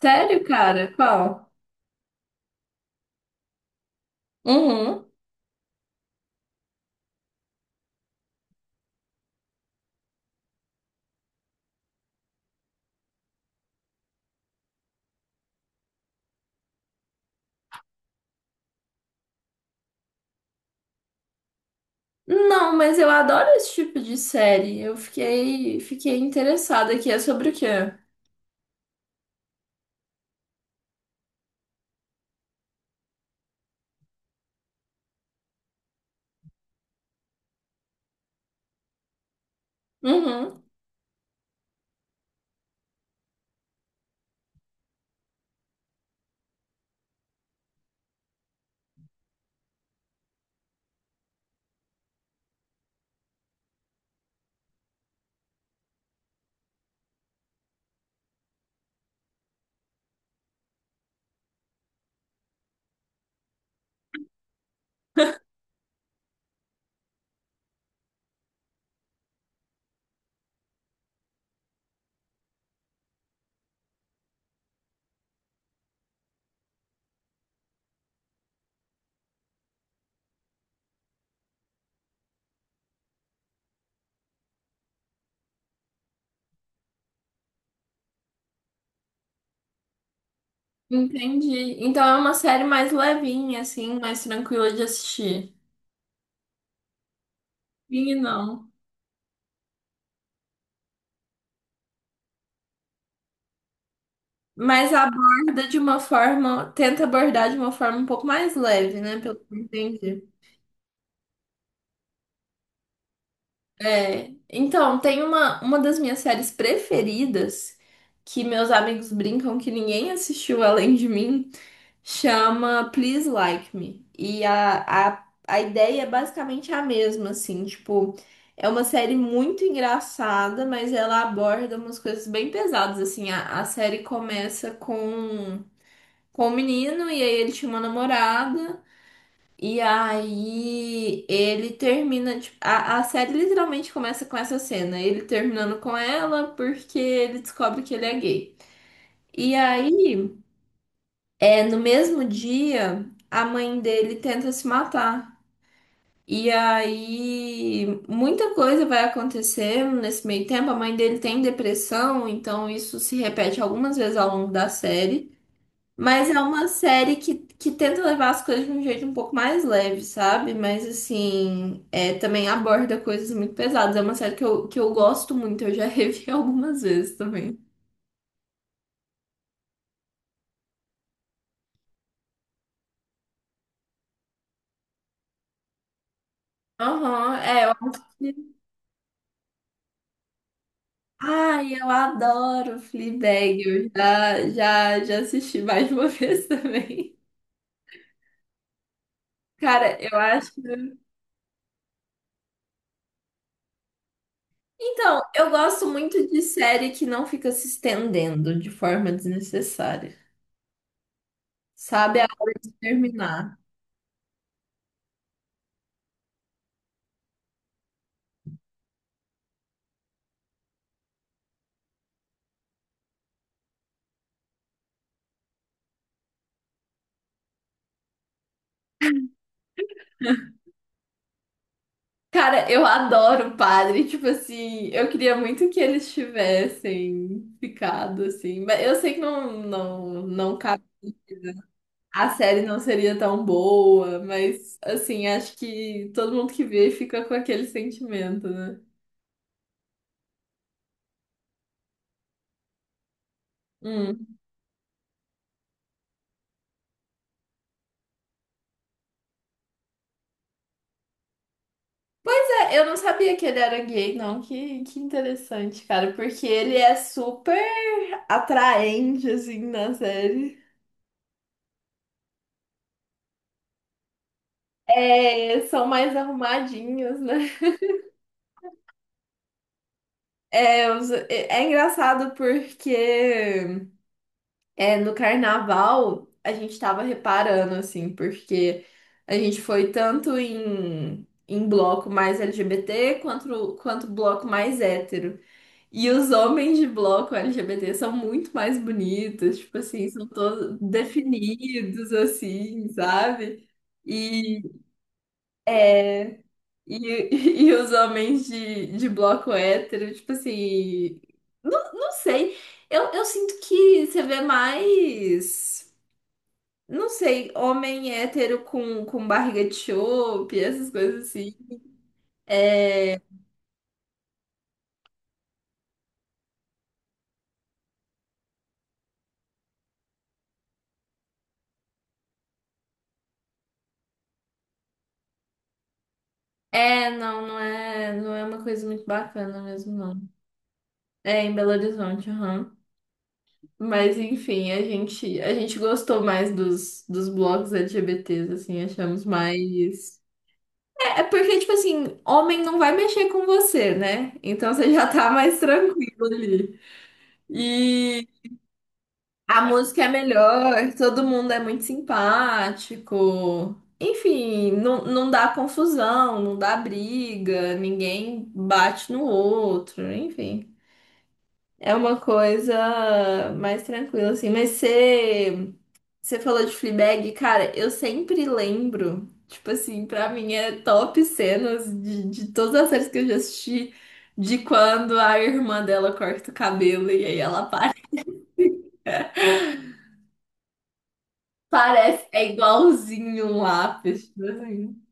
Sério, cara? Qual? Uhum. Não, mas eu adoro esse tipo de série. Eu fiquei interessada aqui. É sobre o quê? Uhum. Entendi. Então é uma série mais levinha, assim, mais tranquila de assistir. E não. Mas aborda de uma forma, tenta abordar de uma forma um pouco mais leve, né? Pelo que eu entendi. É. Então, tem uma das minhas séries preferidas que meus amigos brincam que ninguém assistiu além de mim. Chama Please Like Me. E a ideia é basicamente a mesma, assim, tipo, é uma série muito engraçada, mas ela aborda umas coisas bem pesadas, assim, a série começa com um menino, e aí ele tinha uma namorada, e aí ele termina, tipo, a série literalmente começa com essa cena, ele terminando com ela porque ele descobre que ele é gay. E aí. É, no mesmo dia, a mãe dele tenta se matar. E aí, muita coisa vai acontecer nesse meio tempo. A mãe dele tem depressão, então isso se repete algumas vezes ao longo da série. Mas é uma série que tenta levar as coisas de um jeito um pouco mais leve, sabe? Mas assim, é, também aborda coisas muito pesadas. É uma série que eu gosto muito, eu já revi algumas vezes também. Aham, é, eu acho. Ai, eu adoro Fleabag. Eu já assisti mais de uma vez também. Cara, eu acho. Então, eu gosto muito de série que não fica se estendendo de forma desnecessária. Sabe a hora de terminar. Cara, eu adoro o padre. Tipo assim, eu queria muito que eles tivessem ficado assim. Mas eu sei que não, a série não seria tão boa, mas assim, acho que todo mundo que vê fica com aquele sentimento, né? Hum. É, eu não sabia que ele era gay, não. Que interessante, cara, porque ele é super atraente, assim, na série. É, são mais arrumadinhos, né? É, é engraçado porque, é, no carnaval a gente tava reparando, assim, porque a gente foi tanto em bloco mais LGBT quanto bloco mais hétero. E os homens de bloco LGBT são muito mais bonitos, tipo assim, são todos definidos, assim, sabe? E, e, e os homens de bloco hétero, tipo assim, não sei, eu sinto que você vê mais. Não sei, homem hétero com barriga de chope, essas coisas assim. É, não é, não é uma coisa muito bacana mesmo, não. É em Belo Horizonte, aham. Mas enfim, a gente gostou mais dos blocos LGBTs, assim, achamos mais. É, é porque, tipo assim, homem não vai mexer com você, né? Então você já tá mais tranquilo ali. A música é melhor, todo mundo é muito simpático. Enfim, não dá confusão, não dá briga, ninguém bate no outro, enfim. É uma coisa mais tranquila, assim. Mas você, você falou de Fleabag, cara, eu sempre lembro, tipo assim, pra mim é top cenas de todas as séries que eu já assisti, de quando a irmã dela corta o cabelo e aí ela para. Parece, é igualzinho um lápis, tipo assim.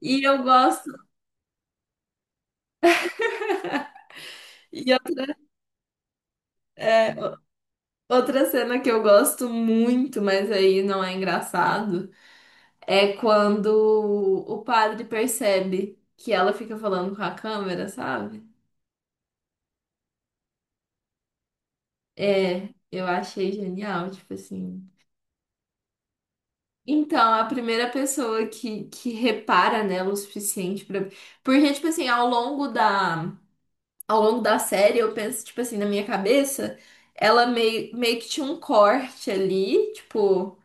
E eu gosto. E eu- é, o- Outra cena que eu gosto muito, mas aí não é engraçado, é quando o padre percebe que ela fica falando com a câmera, sabe? É, eu achei genial, tipo assim. Então, a primeira pessoa que repara nela o suficiente pra. Porque, tipo assim, ao longo da série, eu penso, tipo assim, na minha cabeça, ela meio que tinha um corte ali, tipo.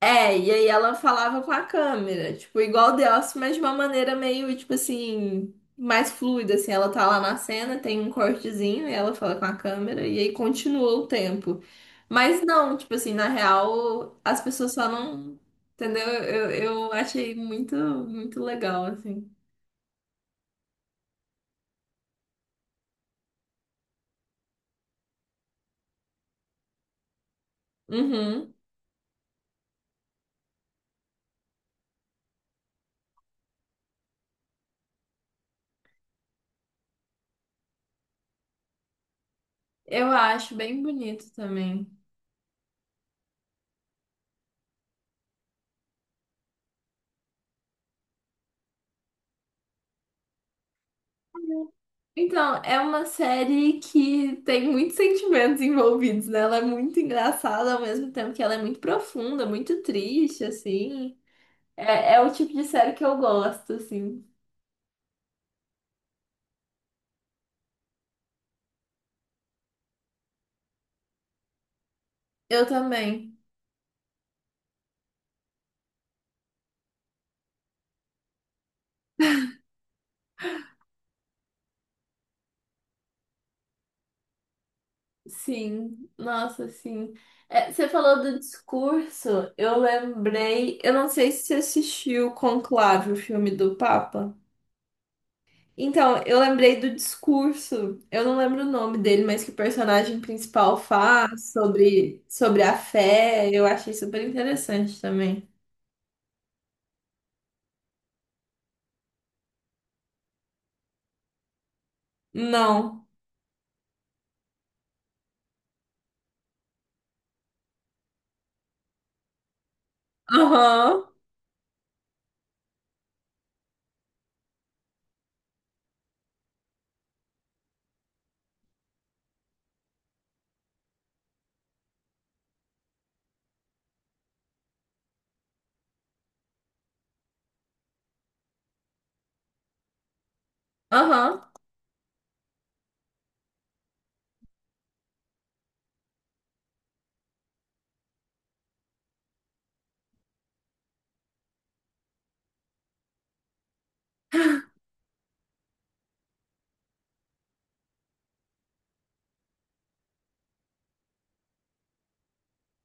É, e aí ela falava com a câmera, tipo, igual The Office, mas de uma maneira meio, tipo assim, mais fluida, assim, ela tá lá na cena, tem um cortezinho, e ela fala com a câmera, e aí continua o tempo. Mas não, tipo assim, na real, as pessoas só não. Entendeu? Eu achei muito, muito legal, assim. Uhum. Eu acho bem bonito também. Então, é uma série que tem muitos sentimentos envolvidos, né? Ela é muito engraçada ao mesmo tempo que ela é muito profunda, muito triste, assim. É, é o tipo de série que eu gosto, assim. Eu também. Sim, nossa, sim. É, você falou do discurso, eu lembrei. Eu não sei se você assistiu Conclave, o filme do Papa. Então, eu lembrei do discurso, eu não lembro o nome dele, mas que o personagem principal faz sobre, sobre a fé, eu achei super interessante também. Não. Aham, aham.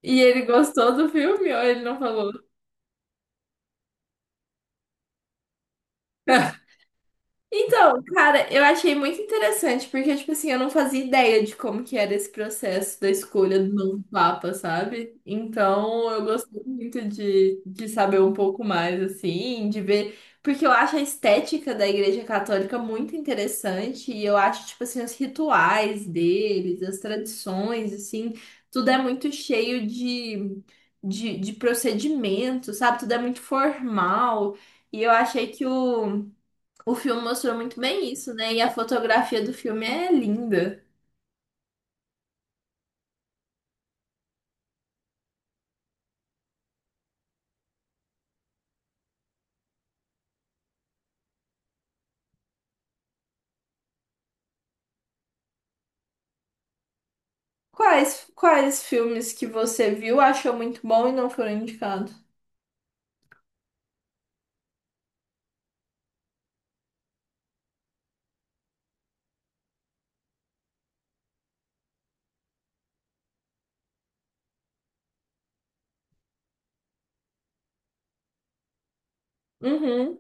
E ele gostou do filme ou ele não falou? Então, cara, eu achei muito interessante, porque, tipo assim, eu não fazia ideia de como que era esse processo da escolha do novo Papa, sabe? Então, eu gostei muito de saber um pouco mais, assim, de ver, porque eu acho a estética da Igreja Católica muito interessante, e eu acho, tipo assim, os rituais deles, as tradições, assim, tudo é muito cheio de procedimento, sabe? Tudo é muito formal, e eu achei que o filme mostrou muito bem isso, né? E a fotografia do filme é linda. Quais filmes que você viu, achou muito bom e não foram indicados? Uhum.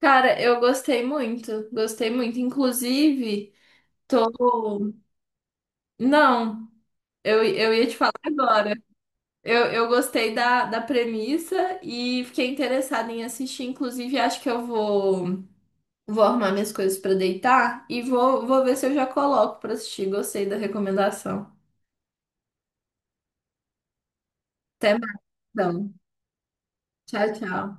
Cara, eu gostei muito. Gostei muito. Inclusive, tô. Não, eu ia te falar agora. Eu gostei da, da premissa e fiquei interessada em assistir. Inclusive, acho que eu vou, vou arrumar minhas coisas pra deitar e vou, vou ver se eu já coloco pra assistir. Gostei da recomendação. Até mais. Então. Tchau, tchau.